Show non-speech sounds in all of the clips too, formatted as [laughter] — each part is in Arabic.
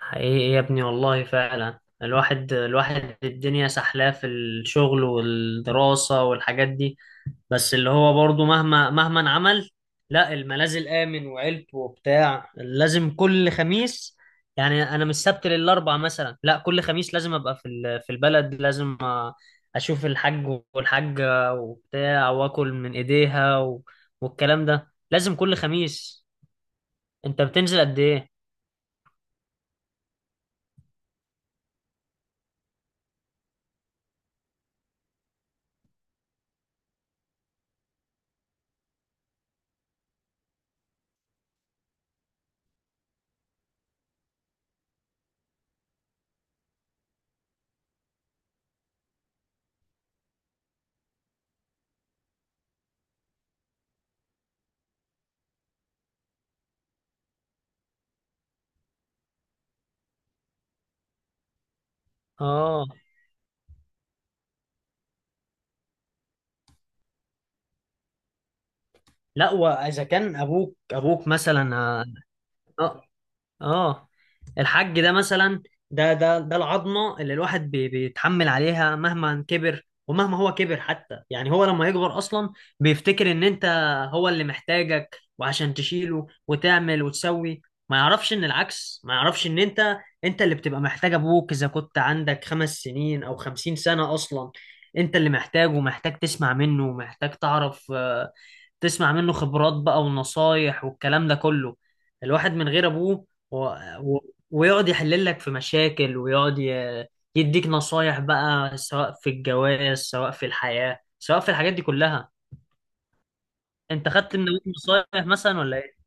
حقيقي يا ابني، والله فعلا الواحد الدنيا سحلاه في الشغل والدراسة والحاجات دي. بس اللي هو برضو مهما عمل، لا الملاذ الآمن وعيلته وبتاع لازم كل خميس. يعني أنا من السبت للأربع مثلا، لا كل خميس لازم أبقى في البلد، أشوف الحاج والحاجة وبتاع وآكل من إيديها والكلام ده لازم كل خميس. أنت بتنزل قد إيه؟ آه. لا، واذا كان ابوك مثلا، آه، اه، الحج ده مثلا، ده العظمه اللي الواحد بيتحمل عليها مهما كبر، ومهما هو كبر حتى. يعني هو لما يكبر اصلا بيفتكر ان انت هو اللي محتاجك، وعشان تشيله وتعمل وتسوي. ما يعرفش ان العكس، ما يعرفش ان انت اللي بتبقى محتاج ابوك اذا كنت عندك خمس سنين او خمسين سنه اصلا. انت اللي محتاجه، ومحتاج تسمع منه، ومحتاج تعرف، آه، تسمع منه خبرات بقى ونصايح والكلام ده كله. الواحد من غير ابوه و... و... ويقعد يحلل لك في مشاكل، ويقعد يديك نصايح بقى، سواء في الجواز سواء في الحياة سواء في الحاجات دي كلها. انت خدت من أبوك نصايح مثلا ولا ايه؟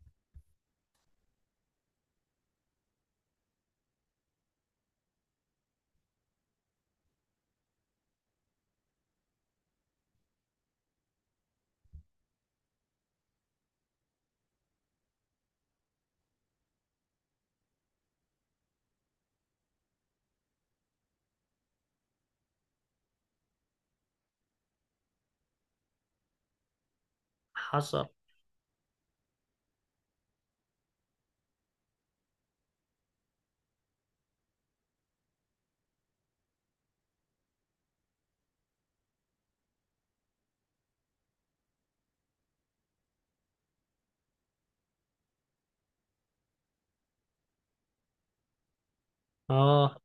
حصل. اه.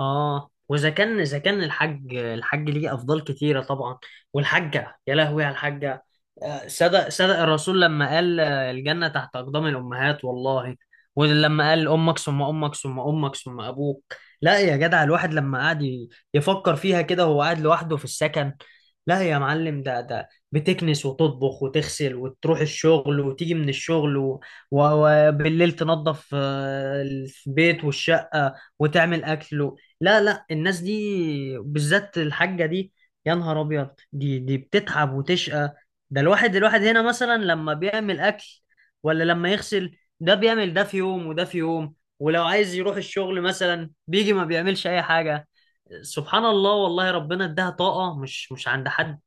اه، واذا كان الحاج ليه افضال كتيره طبعا، والحاجه يا لهوي على الحاجه. آه، صدق صدق الرسول لما قال، آه، الجنه تحت اقدام الامهات والله. ولما قال امك ثم امك ثم امك ثم ابوك. لا يا جدع، الواحد لما قعد يفكر فيها كده وهو قاعد لوحده في السكن. لا يا معلم، ده بتكنس وتطبخ وتغسل وتروح الشغل وتيجي من الشغل وبالليل تنظف، آه، البيت والشقه وتعمل اكل. لا، لا، الناس دي بالذات، الحاجة دي، يا نهار أبيض، دي بتتعب وتشقى. ده الواحد هنا مثلا لما بيعمل أكل ولا لما يغسل، ده بيعمل ده في يوم وده في يوم، ولو عايز يروح الشغل مثلا بيجي ما بيعملش أي حاجة. سبحان الله، والله ربنا اداها طاقة مش عند حد.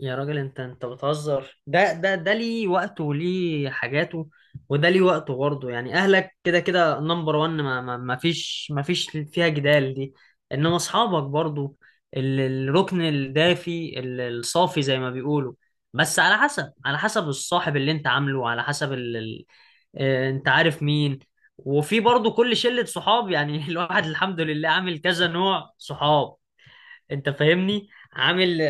يا راجل، انت بتهزر، ده ليه وقته وليه حاجاته، وده ليه وقته برضه. يعني اهلك كده كده نمبر وان، ما فيش فيها جدال دي. انما اصحابك برضه الركن الدافي الصافي زي ما بيقولوا. بس على حسب الصاحب اللي انت عامله، على حسب اه، انت عارف مين. وفي برضه كل شلة صحاب يعني [laughs] الواحد الحمد لله عامل كذا نوع صحاب، انت فاهمني، عامل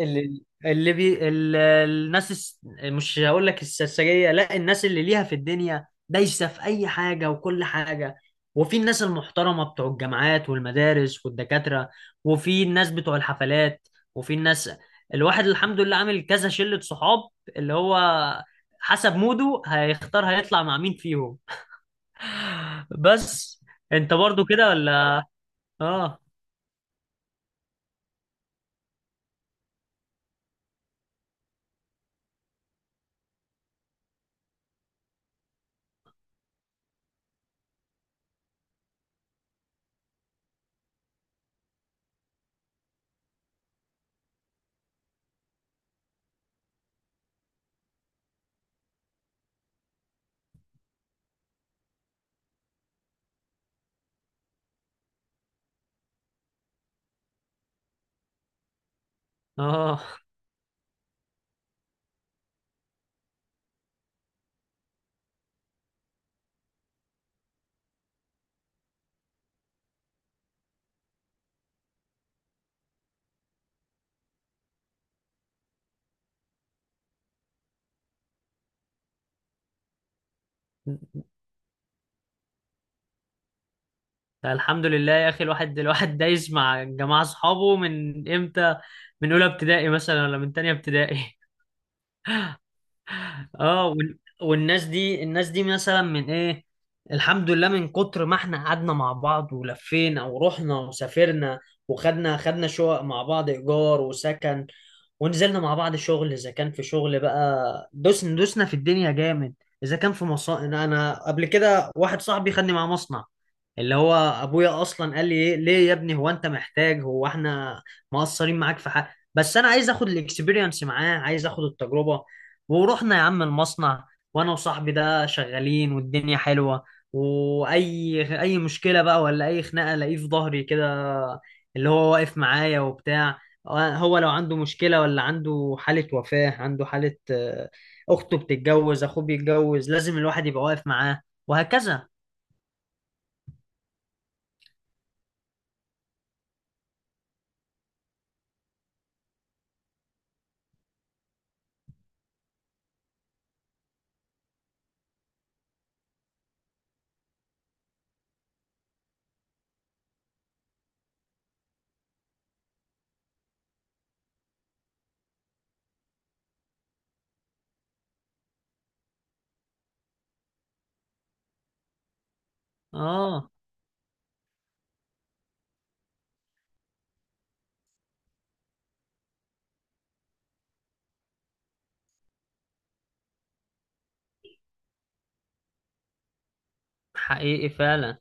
اللي الناس، مش هقول لك السرسجية، لا، الناس اللي ليها في الدنيا، دايسة في اي حاجة وكل حاجة. وفي الناس المحترمة بتوع الجامعات والمدارس والدكاترة، وفي الناس بتوع الحفلات، وفي الناس. الواحد الحمد لله عامل كذا شلة صحاب اللي هو حسب موده هيختار هيطلع مع مين فيهم. بس انت برضو كده ولا؟ اه. اه، الحمد لله يا اخي، الواحد دايس مع جماعه اصحابه من امتى، من اولى ابتدائي مثلا ولا من تانية ابتدائي. اه، والناس دي مثلا من ايه. الحمد لله من كتر ما احنا قعدنا مع بعض ولفينا ورحنا وسافرنا، وخدنا شقق مع بعض ايجار وسكن، ونزلنا مع بعض شغل اذا كان في شغل بقى. دوسنا دوسنا في الدنيا جامد. اذا كان في مصانع، انا قبل كده واحد صاحبي خدني مع مصنع، اللي هو ابويا اصلا قال لي، ايه ليه يا ابني، هو انت محتاج، هو احنا مقصرين معاك في حق؟ بس انا عايز اخد الاكسبيرينس معاه، عايز اخد التجربه. ورحنا يا عم المصنع، وانا وصاحبي ده شغالين والدنيا حلوة. واي مشكلة بقى، ولا اي خناقة، الاقيه في ظهري كده اللي هو واقف معايا وبتاع. هو لو عنده مشكلة، ولا عنده حالة وفاة، عنده حالة، آه، اخته بتتجوز، اخوه بيتجوز، لازم الواحد يبقى واقف معاه وهكذا. اه. حقيقي فعلا.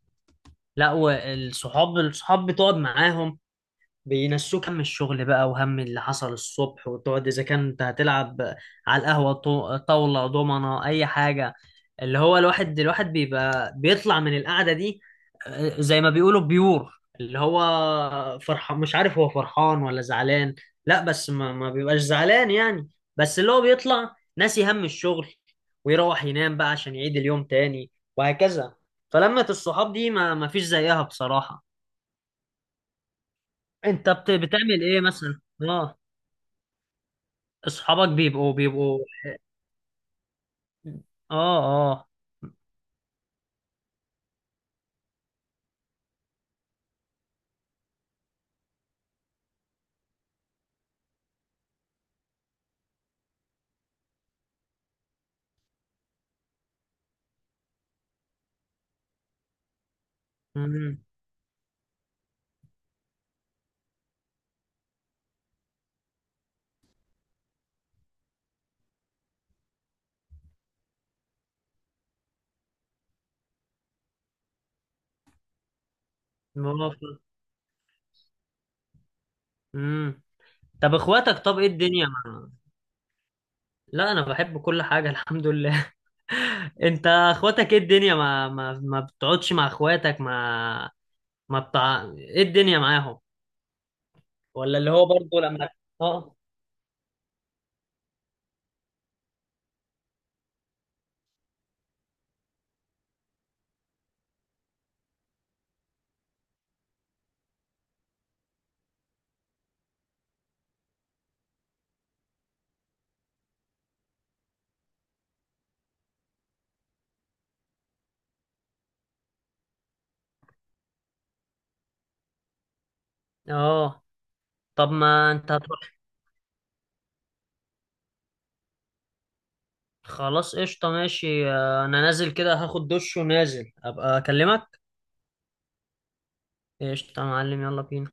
لا، والصحاب، الصحاب بتقعد معاهم بينسوك هم الشغل بقى، وهم اللي حصل الصبح، وتقعد اذا كنت هتلعب على القهوة طاولة دومنة اي حاجة. اللي هو الواحد بيبقى بيطلع من القعدة دي، آه، زي ما بيقولوا بيور، اللي هو فرحان، مش عارف هو فرحان ولا زعلان. لا بس ما بيبقاش زعلان يعني، بس اللي هو بيطلع ناسي هم الشغل، ويروح ينام بقى عشان يعيد اليوم تاني وهكذا. فلمة الصحاب دي ما فيش زيها بصراحة. انت بتعمل ايه مثلا؟ اه. اصحابك بيبقوا. اه. اه. امم. موافق. امم. طب اخواتك، طب ايه الدنيا مع... لا، انا بحب كل حاجه الحمد لله [laughs] انت اخواتك، ايه الدنيا، ما بتقعدش مع اخواتك، ما بتاع، ايه الدنيا معاهم، ولا اللي هو برضه لما. اه. اه، طب ما انت هتروح. خلاص قشطه، ماشي، آه، انا نازل كده هاخد دش ونازل ابقى اكلمك. قشطه يا معلم، يلا بينا.